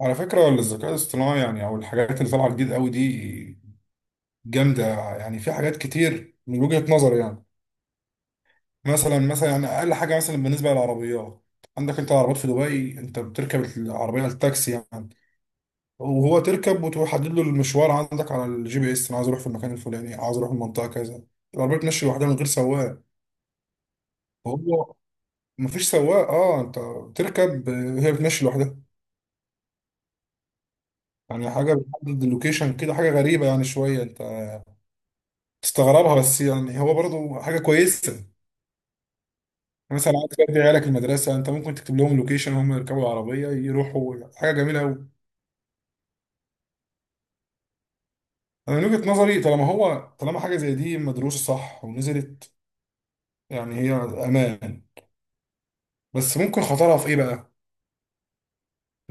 على فكرة الذكاء الاصطناعي أو الحاجات اللي طالعة جديد قوي دي جامدة. يعني في حاجات كتير من وجهة نظري، يعني مثلا أقل حاجة مثلا بالنسبة للعربيات. عندك أنت العربيات في دبي، أنت بتركب العربية التاكسي، يعني وهو تركب وتحدد له المشوار عندك على الجي بي إس. أنا عايز أروح في المكان الفلاني، عايز أروح المنطقة كذا. العربية بتمشي لوحدها من غير سواق. هو مفيش سواق، أه أنت بتركب، آه، هي بتمشي لوحدها. يعني حاجة بتحدد اللوكيشن كده، حاجة غريبة، يعني شوية أنت تستغربها، بس يعني هو برضه حاجة كويسة. يعني مثلا عايز تودي عيالك المدرسة، انت ممكن تكتب لهم لوكيشن، هم يركبوا العربية يروحوا. حاجة جميلة أوي. انا من وجهة نظري طالما هو، طالما حاجة زي دي مدروسة صح ونزلت، يعني هي امان. بس ممكن خطرها في ايه بقى؟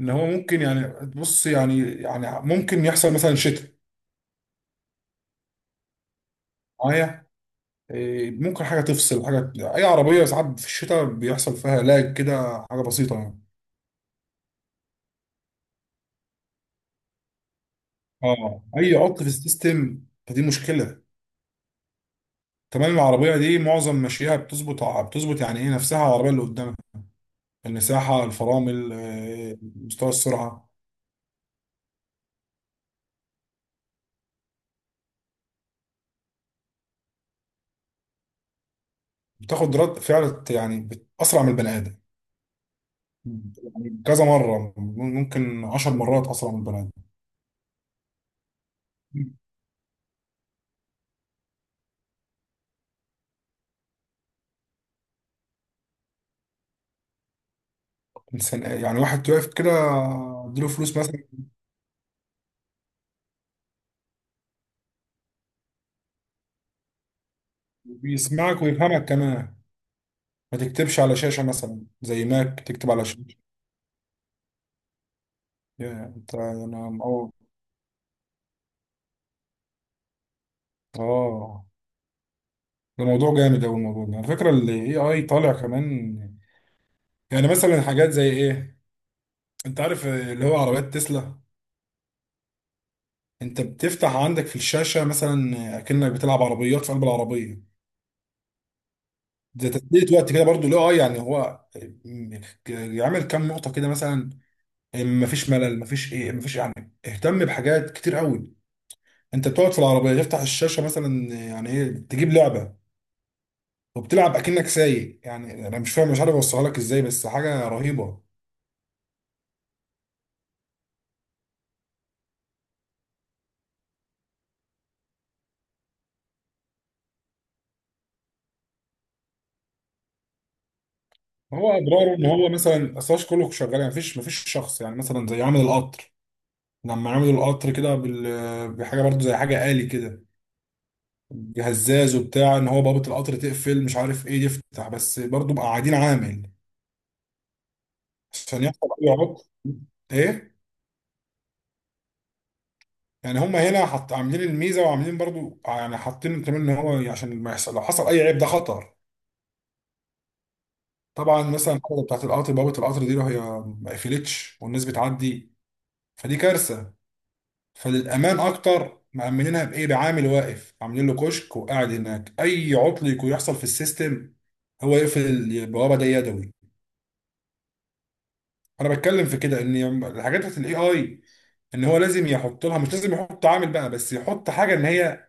ان هو ممكن، يعني بص يعني ممكن يحصل مثلا شتاء معايا. إيه، ممكن حاجة تفصل حاجة. اي عربية ساعات في الشتاء بيحصل فيها لاج كده، حاجة بسيطة يعني. اه، اي عطل في السيستم فدي مشكلة. تمام، العربية دي معظم مشيها بتظبط، بتظبط يعني ايه نفسها على العربية اللي قدامك. المساحة، الفرامل، آه، مستوى السرعة. بتاخد رد فعل يعني أسرع من البني آدم. يعني كذا مرة، ممكن عشر مرات أسرع من البني آدم. إنسان، يعني واحد واقف كده، اديله فلوس مثلا. بيسمعك ويفهمك كمان. ما تكتبش على شاشة مثلا زي ماك تكتب على شاشة. يا انت انا اه. اه، ده موضوع جامد أوي، الموضوع ده على فكرة ال AI طالع كمان. يعني مثلا حاجات زي ايه؟ انت عارف اللي هو عربيات تسلا؟ انت بتفتح عندك في الشاشه مثلا اكنك بتلعب عربيات في قلب العربيه. ده تثبيت وقت كده برضو، لا اه يعني هو يعمل كام نقطه كده مثلا. إيه، مفيش ملل، مفيش ايه، مفيش، يعني اهتم بحاجات كتير قوي. انت بتقعد في العربيه تفتح الشاشه مثلا يعني ايه، تجيب لعبه وبتلعب اكنك سايق. يعني انا مش فاهم، مش عارف اوصلها لك ازاي، بس حاجه رهيبه. هو اضراره ان هو مثلا اصلاش كله شغال، يعني مفيش شخص. يعني مثلا زي عامل القطر، لما عملوا القطر كده بال... بحاجه برضو زي حاجه آلي كده، بهزاز وبتاع، ان هو بابه القطر تقفل مش عارف ايه يفتح، بس برضو بقى قاعدين عامل عشان يحصل اي عطل. ايه يعني، هم هنا حط عاملين الميزه، وعاملين برضو يعني حاطين كمان ان هو عشان ما يحصل، لو حصل اي عيب ده خطر. طبعا مثلا الحاجه بتاعت القطر، بوابه القطر دي لو هي ما قفلتش والناس بتعدي فدي كارثه. فللامان اكتر مأمنينها بايه؟ بعامل واقف، عاملين له كشك وقاعد هناك، اي عطل يكون يحصل في السيستم هو يقفل البوابه دي يدوي. انا بتكلم في كده، ان الحاجات بتاعت الاي اي ان هو لازم يحط لها، مش لازم يحط عامل بقى، بس يحط حاجه ان هي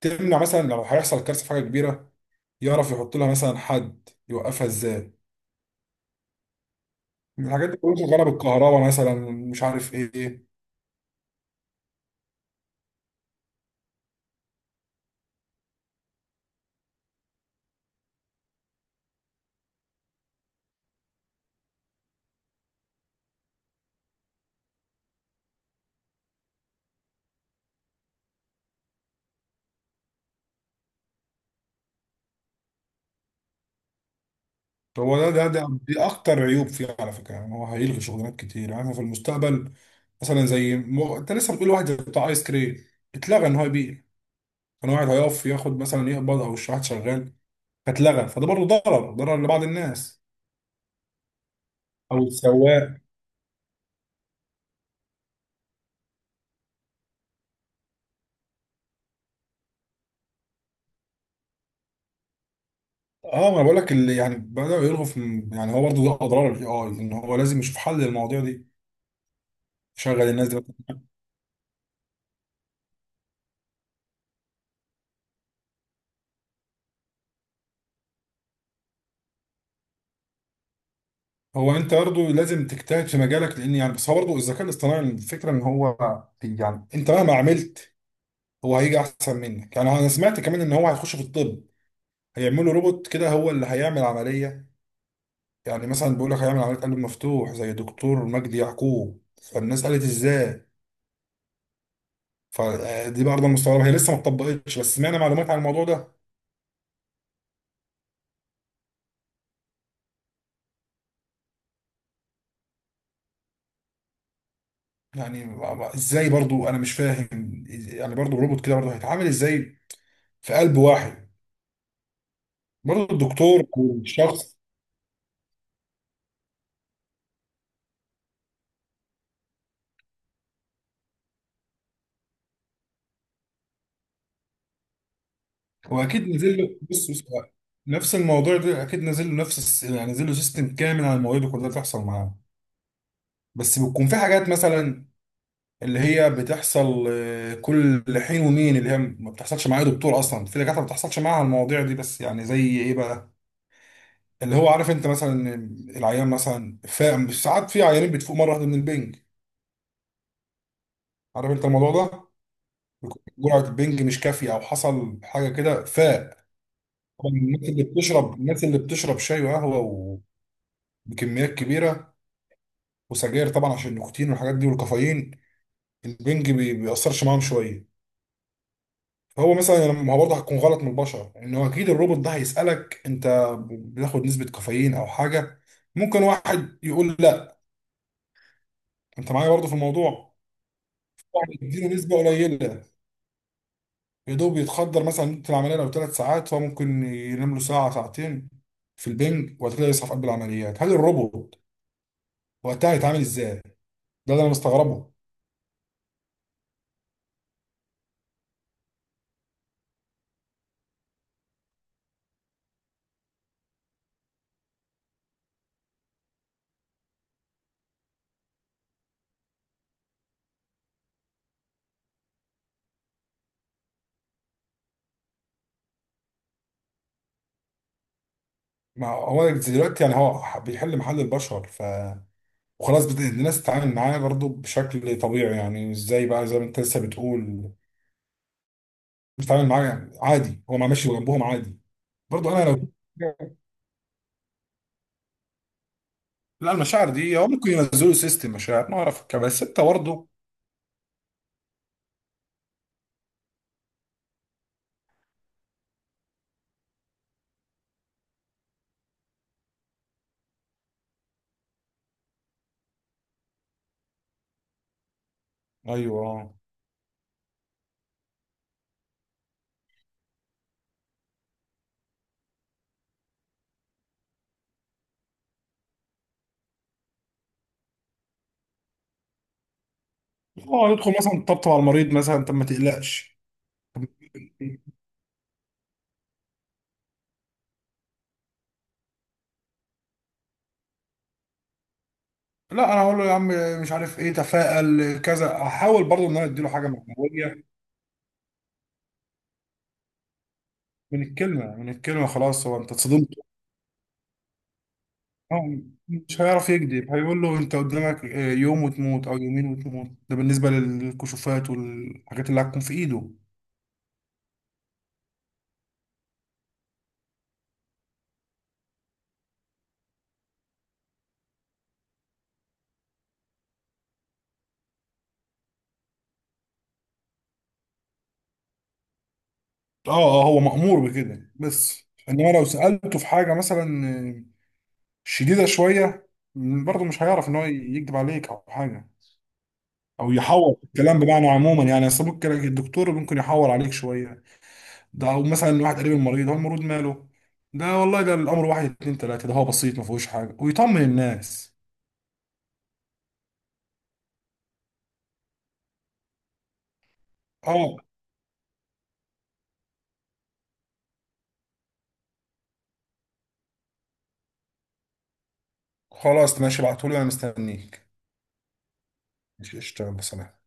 تمنع مثلا لو هيحصل كارثه في حاجه كبيره. يعرف يحط لها مثلا حد يوقفها ازاي. الحاجات دي كلها شغاله بالكهرباء مثلا، مش عارف ايه. هو ده دي اكتر عيوب فيه على فكره. يعني هو هيلغي شغلانات كتير، يعني احنا في المستقبل، مثلا زي انت لسه بتقول واحد زي بتاع ايس كريم، اتلغى ان هو يبيع. كان واحد هيقف ياخد مثلا يقبض، او واحد شغال فاتلغى، فده برضه ضرر لبعض الناس. او السواق. اه ما انا بقول لك، اللي يعني بداوا يلغوا في، يعني هو برضه ده اضرار الاي اي، ان هو لازم يشوف حل للمواضيع دي، يشغل الناس دي. هو انت برضه لازم تجتهد في مجالك، لان يعني، بس هو برضه الذكاء الاصطناعي الفكره ان هو، يعني انت مهما عملت هو هيجي احسن منك. يعني انا سمعت كمان ان هو هيخش في الطب، هيعملوا روبوت كده هو اللي هيعمل عمليه. يعني مثلا بيقول لك هيعمل عمليه قلب مفتوح زي دكتور مجدي يعقوب، فالناس قالت ازاي؟ فدي برضه مستغربه، هي لسه ما اتطبقتش بس سمعنا معلومات عن الموضوع ده. يعني ازاي برضه، انا مش فاهم، يعني برضه الروبوت كده برضه هيتعامل ازاي في قلب واحد؟ برضه الدكتور او الشخص، هو اكيد نزل له، بص. نفس الموضوع ده اكيد نزل له نفس يعني نزل له سيستم كامل عن المواضيع دي كلها تحصل معاه. بس بتكون في حاجات مثلا اللي هي بتحصل، آه، كل حين ومين، اللي هي ما بتحصلش مع اي دكتور. اصلا في دكاتره ما بتحصلش معاها المواضيع دي، بس يعني زي ايه بقى؟ اللي هو عارف انت مثلا إن العيان مثلا فاهم، ساعات في عيانين بتفوق مره واحده من البنج. عارف انت الموضوع ده؟ بيكون جرعه البنج مش كافيه، او حصل حاجه كده فاق. طبعا الناس اللي بتشرب، الناس اللي بتشرب شاي وقهوه وبكميات كبيره وسجاير طبعا، عشان النيكوتين والحاجات دي والكافيين، البنج بيأثرش معاهم شويه. هو مثلا، يعني ما هو برضه هتكون غلط من البشر، ان هو اكيد الروبوت ده هيسالك انت بتاخد نسبه كافيين او حاجه. ممكن واحد يقول لا، انت معايا برضه في الموضوع، واحد يديله نسبه قليله، يا دوب يتخدر. مثلا مدة العمليه لو ثلاث ساعات، هو ممكن ينام له ساعه ساعتين في البنج وبعد كده يصحى في قلب العمليات. هل الروبوت وقتها هيتعامل ازاي؟ ده اللي انا مستغربه. ما هو دلوقتي يعني هو بيحل محل البشر، ف وخلاص الناس تتعامل معاه برضه بشكل طبيعي. يعني ازاي بقى، زي ما انت لسه بتقول، بتتعامل معاه يعني عادي، هو ما ماشي جنبهم عادي. برضو انا لو، لا، المشاعر دي هو ممكن ينزلوا سيستم مشاعر، ما اعرف كده، بس انت برضه. ايوه اه. يدخل مثلا طبطب على المريض، مثلا طب ما تقلقش. لا انا هقول له يا عم، مش عارف ايه، تفائل كذا، احاول برضه ان انا اديله حاجه معنويه. من الكلمه، من الكلمه خلاص، هو انت اتصدمت. آه، مش هيعرف يكذب، هيقول له انت قدامك، آه، يوم وتموت او يومين وتموت. ده بالنسبه للكشوفات والحاجات اللي هتكون في ايده. اه آه، هو مأمور بكده. بس انما لو سألته في حاجة مثلا شديدة شوية، برضه مش هيعرف ان هو يكذب عليك او حاجة، او يحور في الكلام. بمعنى عموما يعني اصل ممكن الدكتور ممكن يحور عليك شوية ده، او مثلا واحد قريب المريض، هو المريض ماله ده؟ والله ده الامر واحد اتنين تلاتة، ده هو بسيط ما فيهوش حاجة، ويطمن الناس. اه خلاص ماشي، ابعتهولي انا مستنيك. ماشي، اشتغل بصراحة.